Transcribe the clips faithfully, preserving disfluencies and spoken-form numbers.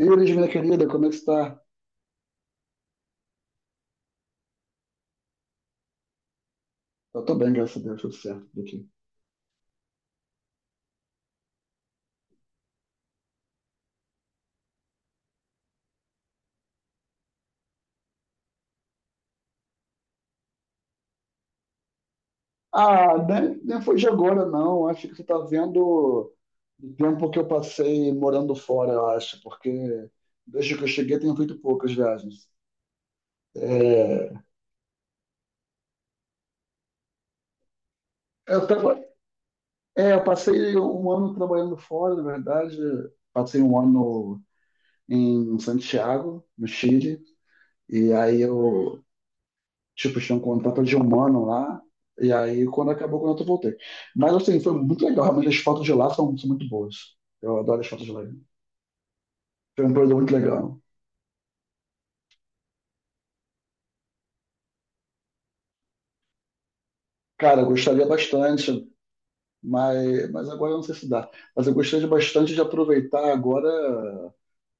E Elis, minha querida, como é que está? Eu tô bem, graças a Deus, tudo certo por aqui. Ah, nem, nem foi de agora, não. Acho que você está vendo o tempo que eu passei morando fora, eu acho, porque desde que eu cheguei tenho feito poucas viagens. É, Eu, tava, é, eu passei um ano trabalhando fora, na verdade. Passei um ano em Santiago, no Chile, e aí eu Tipo, tinha um contrato de um ano lá. E aí, quando acabou o contrato, eu voltei. Mas, assim, foi muito legal. Realmente, as fotos de lá são, são muito boas. Eu adoro as fotos de lá. Foi um período muito legal. Cara, eu gostaria bastante, mas, mas agora eu não sei se dá. Mas eu gostaria bastante de aproveitar agora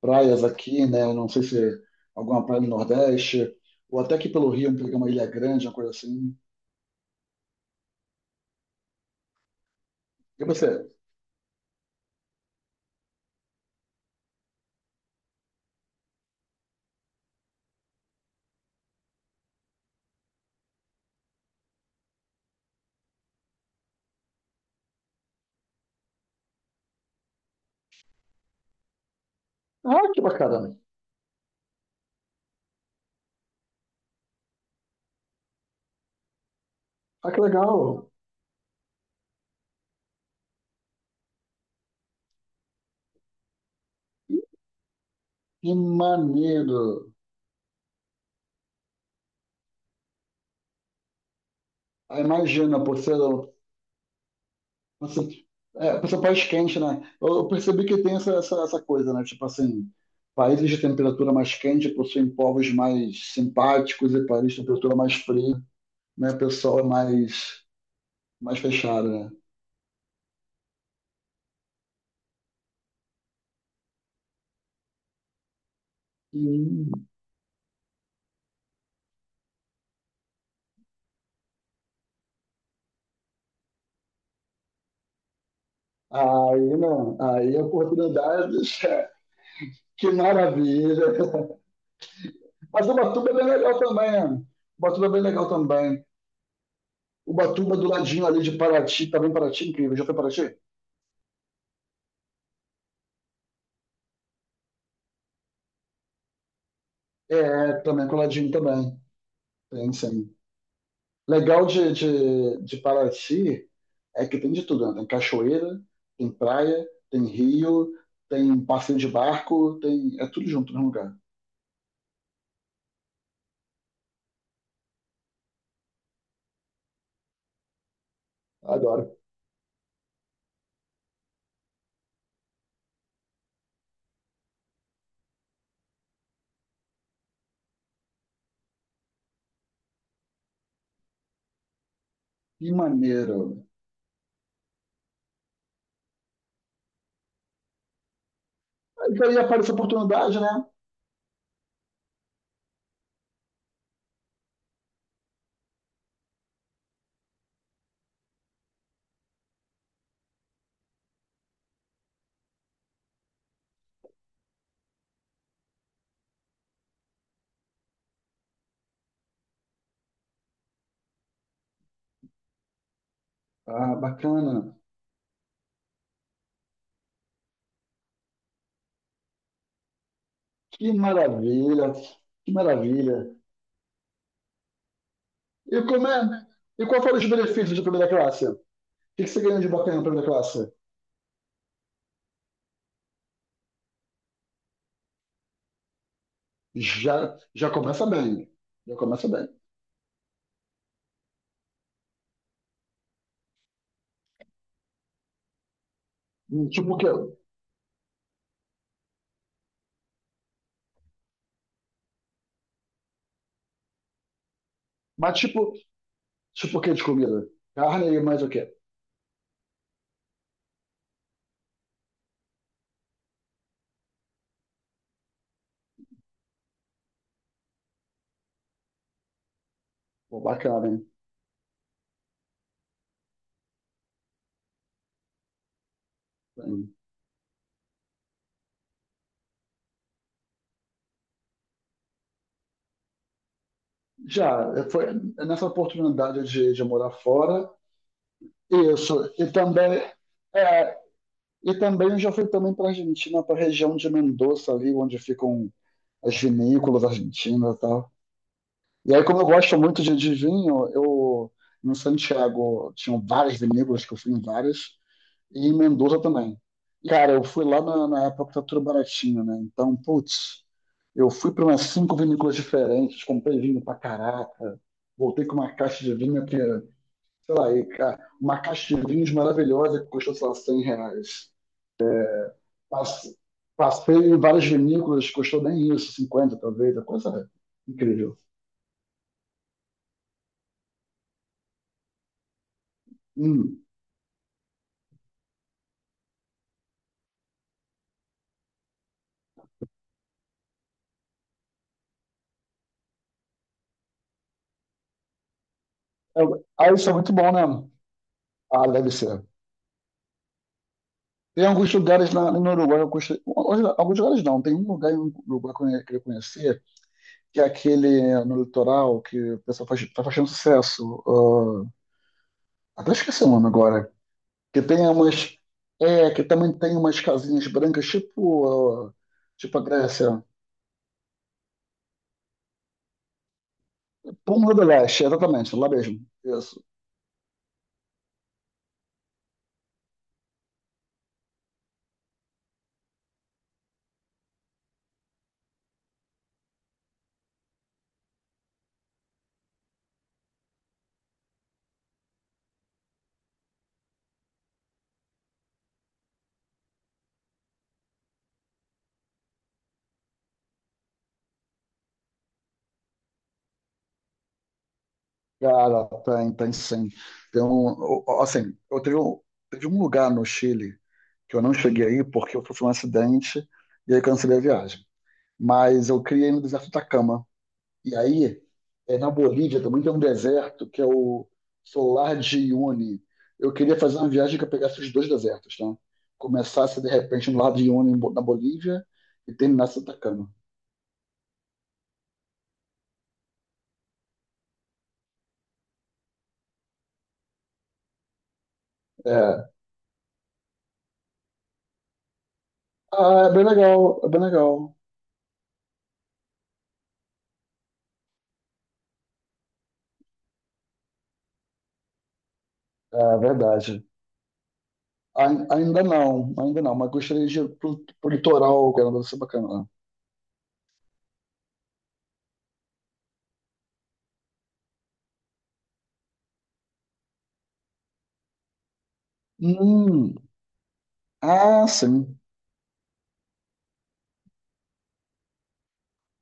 praias aqui, né? Eu não sei se alguma praia no Nordeste, ou até aqui pelo Rio, pegar uma ilha grande, uma coisa assim. E você? Ah, que bacana. Ah, que legal. Que maneiro. Ah, imagina, por ser Você, é, você país quente, né? Eu, eu percebi que tem essa, essa, essa coisa, né? Tipo assim, países de temperatura mais quente possuem povos mais simpáticos e países de temperatura mais fria, né? O pessoal é mais, mais fechado, né? Hum. Aí, não, aí oportunidades. Que maravilha. Mas o Batuba é bem legal também, né? O Batuba é bem legal também. O Batuba do ladinho ali de Paraty, também Paraty, incrível. Já foi Paraty? É, também é coladinho também. Tem, sim. Legal de, de, de Paraty é que tem de tudo, né? Tem cachoeira, tem praia, tem rio, tem um passeio de barco, tem... é tudo junto no mesmo lugar. Adoro. Que maneiro. Aí daí aparece a oportunidade, né? Ah, bacana. Que maravilha. Que maravilha. E como é? E qual foram os benefícios de primeira classe? O que que você ganhou de bacana na primeira classe? Já, já começa bem. Já começa bem. Hum, Tipo o quê? Mas tipo, tipo o quê de comida? Carne e mais o quê? Pô, bacana, hein? Hum. Já, eh, foi nessa oportunidade de, de morar fora, isso, e também, é, e também eu já fui também para Argentina, para a região de Mendoza, ali onde ficam as vinícolas argentinas e tal. E aí, como eu gosto muito de, de vinho, eu, em Santiago, tinham várias vinícolas, que eu fui em várias, e Mendoza também. Cara, eu fui lá na, na época que tá tudo baratinho, né? Então, putz, eu fui para umas cinco vinícolas diferentes, comprei vinho pra caraca, voltei com uma caixa de vinho que, sei lá, e, ca- uma caixa de vinhos maravilhosa que custou, sei lá, cem reais. Passe- Passei em várias vinícolas, custou nem isso, cinquenta talvez, a coisa é incrível. Hum. É, ah, isso é muito bom, né? Ah, deve ser. Tem alguns lugares na, no Uruguai, eu gostei, alguns alguns lugares não, tem um lugar no Uruguai que eu queria conhecer, que é aquele no litoral que o pessoal faz, tá fazendo sucesso. Ah, até esqueci o nome agora. Que tem umas. É, que também tem umas casinhas brancas, tipo, ah, tipo a Grécia. Pômulo do Leste, exatamente, lá mesmo. Isso. Cara, tem, tem sim. Tem um, o- assim, eu teve um, teve um lugar no Chile que eu não cheguei aí porque eu sofri um acidente e aí cancelei a viagem. Mas eu criei no deserto da Cama. E aí, é, na Bolívia também tem um deserto que é o Solar de Uyuni. Eu queria fazer uma viagem que eu pegasse os dois desertos, tá? Começasse de repente no lado de Uyuni em Bo- na Bolívia e terminasse em Atacama. É. Ah, é bem legal, é bem legal. É verdade. Ai- Ainda não, ainda não, mas gostaria de ir pro, pro litoral, que era deve ser bacana lá. Hum, ah, sim,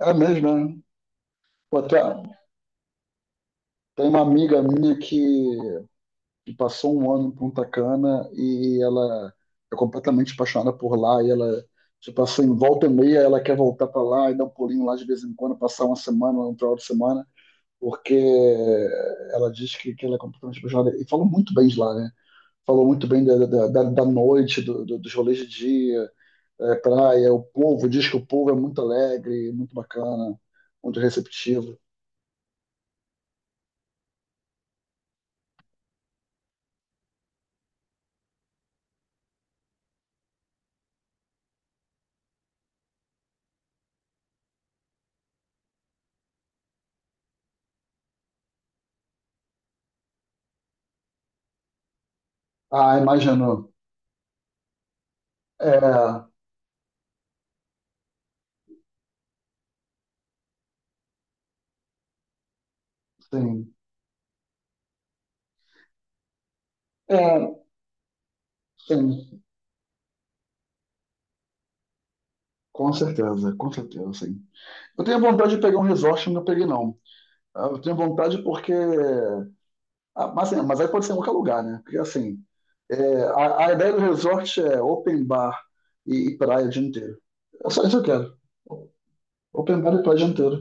é mesmo, né? Pô, tem tem uma amiga minha que e passou um ano em Punta Cana, e ela é completamente apaixonada por lá, e ela, tipo, assim, volta e meia ela quer voltar para lá e dar um pulinho lá de vez em quando, passar uma semana, um final de semana, porque ela diz que, que ela é completamente apaixonada, e falou muito bem de lá, né? Falou muito bem da, da, da, da noite, do, do, dos rolês de dia, é, praia. O povo diz que o povo é muito alegre, muito bacana, muito receptivo. Ah, imagino. É, sim. É, sim. Com certeza, com certeza, sim. Eu tenho vontade de pegar um resort, não peguei, não. Ah, eu tenho vontade porque. Ah, mas, assim, mas aí pode ser em qualquer lugar, né? Porque assim, é, a, a ideia do resort é open bar e, e praia o dia inteiro. É só isso que eu quero. Open bar e praia o dia inteiro.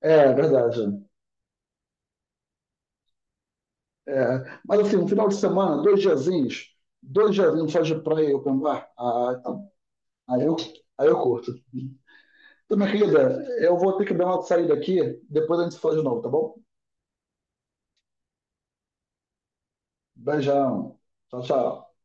É, é verdade. É. Mas assim, um final de semana, dois diazinhos, dois diazinhos só de praia e open bar, ah, então, aí eu, aí eu curto. Então, minha querida, eu vou ter que dar uma saída aqui, depois a gente se fala de novo, tá bom? Beijão. Tchau, tchau.